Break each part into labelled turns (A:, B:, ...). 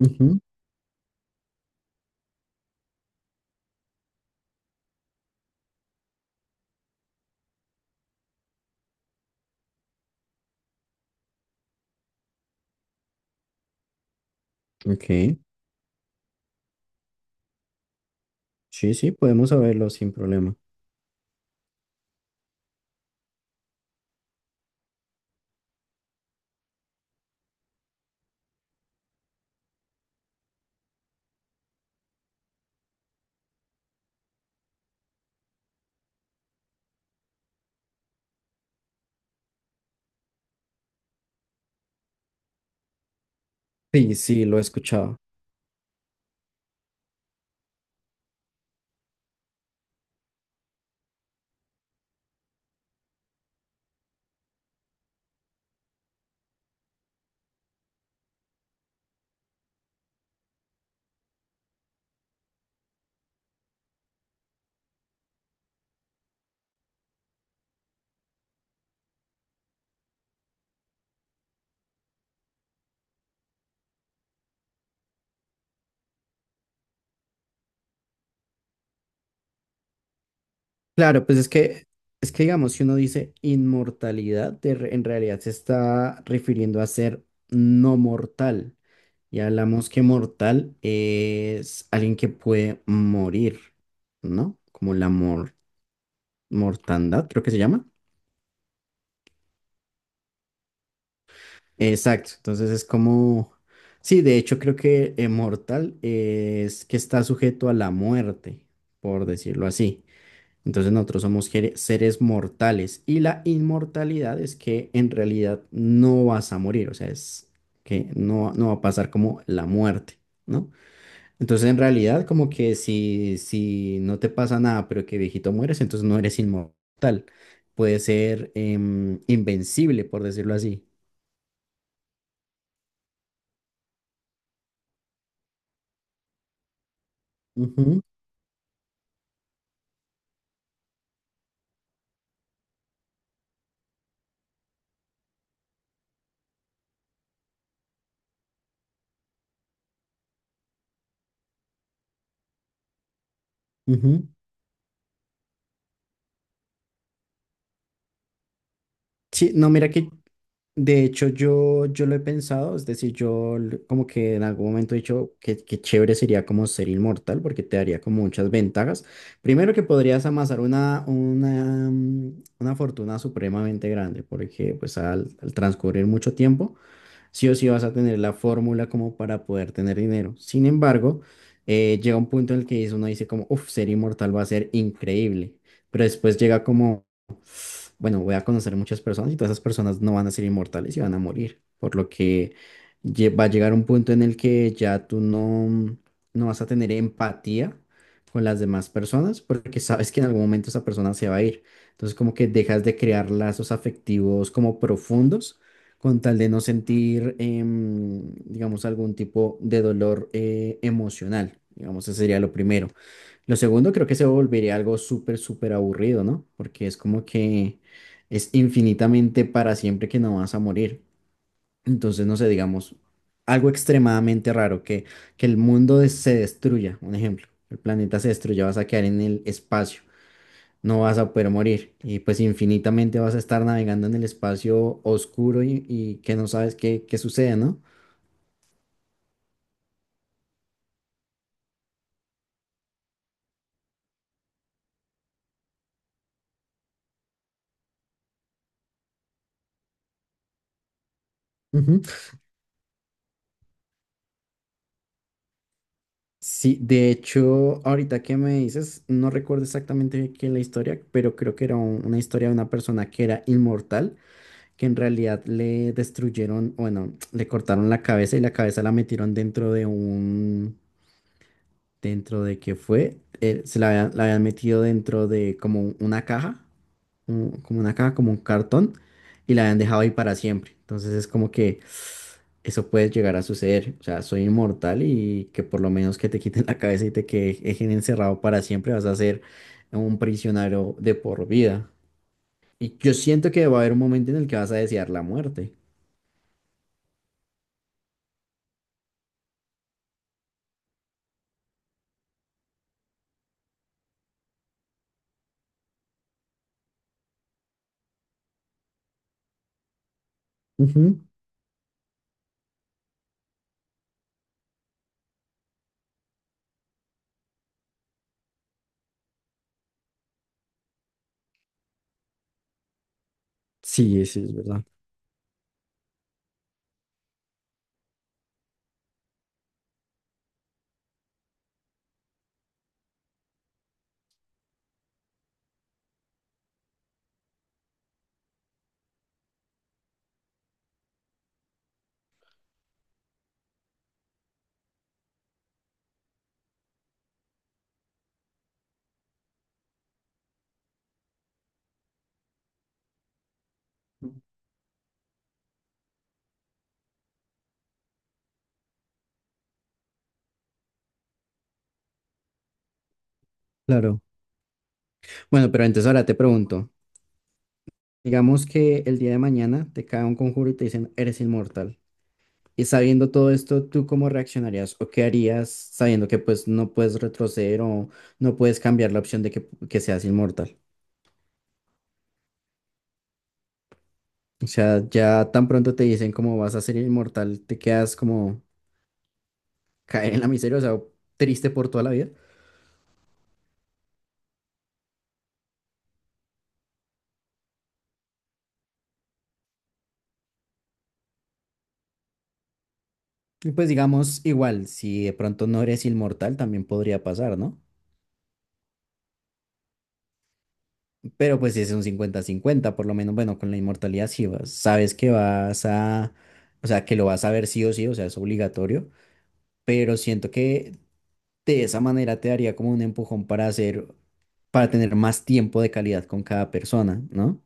A: Ujú. Ok, sí, sí, podemos saberlo sin problema. Sí, sí, lo he escuchado. Claro, pues es que digamos, si uno dice inmortalidad, en realidad se está refiriendo a ser no mortal. Y hablamos que mortal es alguien que puede morir, ¿no? Como mortandad, creo que se llama. Exacto, entonces es como, sí, de hecho creo que mortal es que está sujeto a la muerte, por decirlo así. Entonces nosotros somos seres mortales y la inmortalidad es que en realidad no vas a morir, o sea, es que no va a pasar como la muerte, ¿no? Entonces en realidad como que si no te pasa nada, pero que viejito mueres, entonces no eres inmortal. Puedes ser invencible, por decirlo así. Ujú, ujú. Sí, no, mira que de hecho, yo lo he pensado, es decir, como que en algún momento he dicho que chévere sería como ser inmortal porque te daría como muchas ventajas. Primero que podrías amasar una fortuna supremamente grande porque pues al transcurrir mucho tiempo, sí o sí vas a tener la fórmula como para poder tener dinero. Sin embargo, llega un punto en el que uno dice como, uff, ser inmortal va a ser increíble, pero después llega como bueno, voy a conocer muchas personas y todas esas personas no van a ser inmortales y van a morir, por lo que va a llegar un punto en el que ya tú no vas a tener empatía con las demás personas porque sabes que en algún momento esa persona se va a ir. Entonces como que dejas de crear lazos afectivos como profundos con tal de no sentir, digamos, algún tipo de dolor emocional. Digamos, ese sería lo primero. Lo segundo creo que se volvería algo súper, súper aburrido, ¿no? Porque es como que es infinitamente para siempre que no vas a morir. Entonces, no sé, digamos, algo extremadamente raro, que el mundo se destruya, un ejemplo, el planeta se destruya, vas a quedar en el espacio, no vas a poder morir y pues infinitamente vas a estar navegando en el espacio oscuro y que no sabes qué sucede, ¿no? Sí, de hecho, ahorita que me dices, no recuerdo exactamente qué es la historia, pero creo que era una historia de una persona que era inmortal, que en realidad le destruyeron, bueno, le cortaron la cabeza y la cabeza la metieron dentro de un, dentro de que fue, se la habían metido dentro de como una caja, como una caja, como un cartón, y la habían dejado ahí para siempre. Entonces es como que eso puede llegar a suceder. O sea, soy inmortal y que por lo menos que te quiten la cabeza y te dejen encerrado para siempre, vas a ser un prisionero de por vida. Y yo siento que va a haber un momento en el que vas a desear la muerte. Ujú. Sí, sí, es verdad. Claro. Bueno, pero entonces ahora te pregunto. Digamos que el día de mañana te cae un conjuro y te dicen, eres inmortal. Y sabiendo todo esto, ¿tú cómo reaccionarías o qué harías sabiendo que pues no puedes retroceder o no puedes cambiar la opción de que seas inmortal? O sea, ya tan pronto te dicen cómo vas a ser inmortal, te quedas como caer en la miseria, o sea, triste por toda la vida. Y pues digamos, igual, si de pronto no eres inmortal, también podría pasar, ¿no? Pero pues es un cincuenta-cincuenta por lo menos, bueno, con la inmortalidad sí sabes que vas a, o sea, que lo vas a ver sí o sí, o sea, es obligatorio, pero siento que de esa manera te daría como un empujón para hacer, para tener más tiempo de calidad con cada persona, ¿no?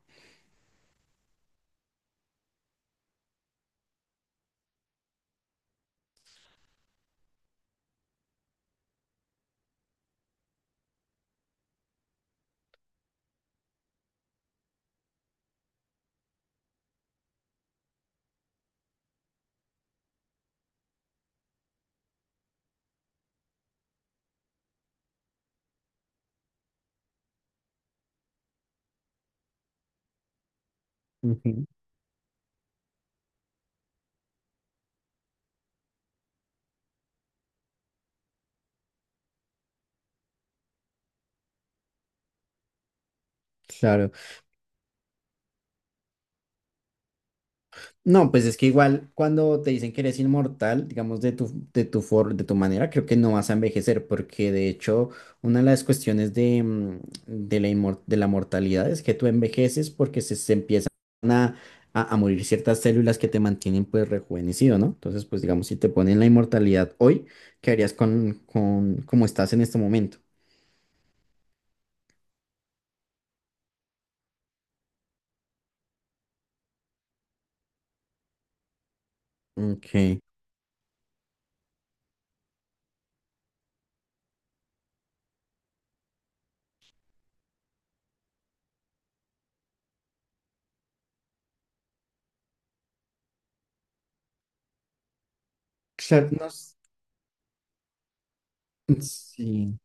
A: Ujú. Claro. No, pues es que igual cuando te dicen que eres inmortal, digamos de tu, de tu manera, creo que no vas a envejecer, porque de hecho una de las cuestiones de, de la, de la mortalidad es que tú envejeces porque se empiezan a, a morir ciertas células que te mantienen pues rejuvenecido, ¿no? Entonces, pues digamos, si te ponen la inmortalidad hoy, ¿qué harías con cómo estás en este momento? Ok. Claro, sí.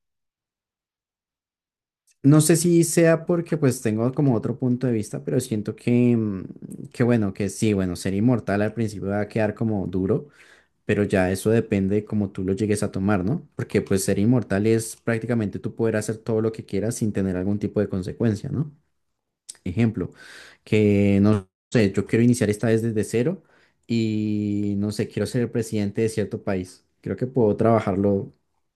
A: No sé si sea porque pues tengo como otro punto de vista, pero siento que, que bueno, que sí, bueno, ser inmortal al principio va a quedar como duro, pero ya eso depende de cómo tú lo llegues a tomar, ¿no? Porque pues ser inmortal es prácticamente tú poder hacer todo lo que quieras sin tener algún tipo de consecuencia, ¿no? Ejemplo, que no sé, yo quiero iniciar esta vez desde cero y no sé, quiero ser el presidente de cierto país. Creo que puedo trabajarlo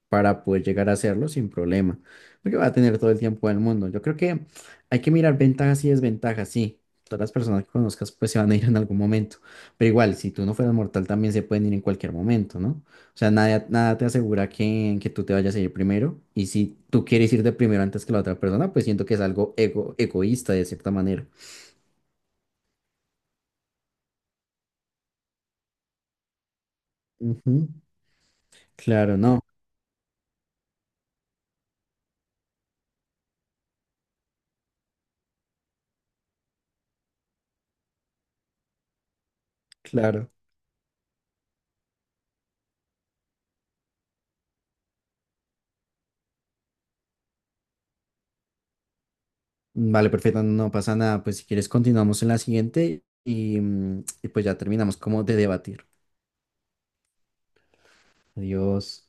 A: para poder llegar a hacerlo sin problema, porque va a tener todo el tiempo del mundo. Yo creo que hay que mirar ventajas y desventajas, sí. Todas las personas que conozcas pues se van a ir en algún momento, pero igual, si tú no fueras mortal también se pueden ir en cualquier momento, ¿no? O sea, nada te asegura que tú te vayas a ir primero. Y si tú quieres ir de primero antes que la otra persona, pues siento que es algo egoísta de cierta manera. Ujú. Claro, no, claro. Vale, perfecto, no pasa nada. Pues si quieres continuamos en la siguiente y, y pues ya terminamos como de debatir. Adiós.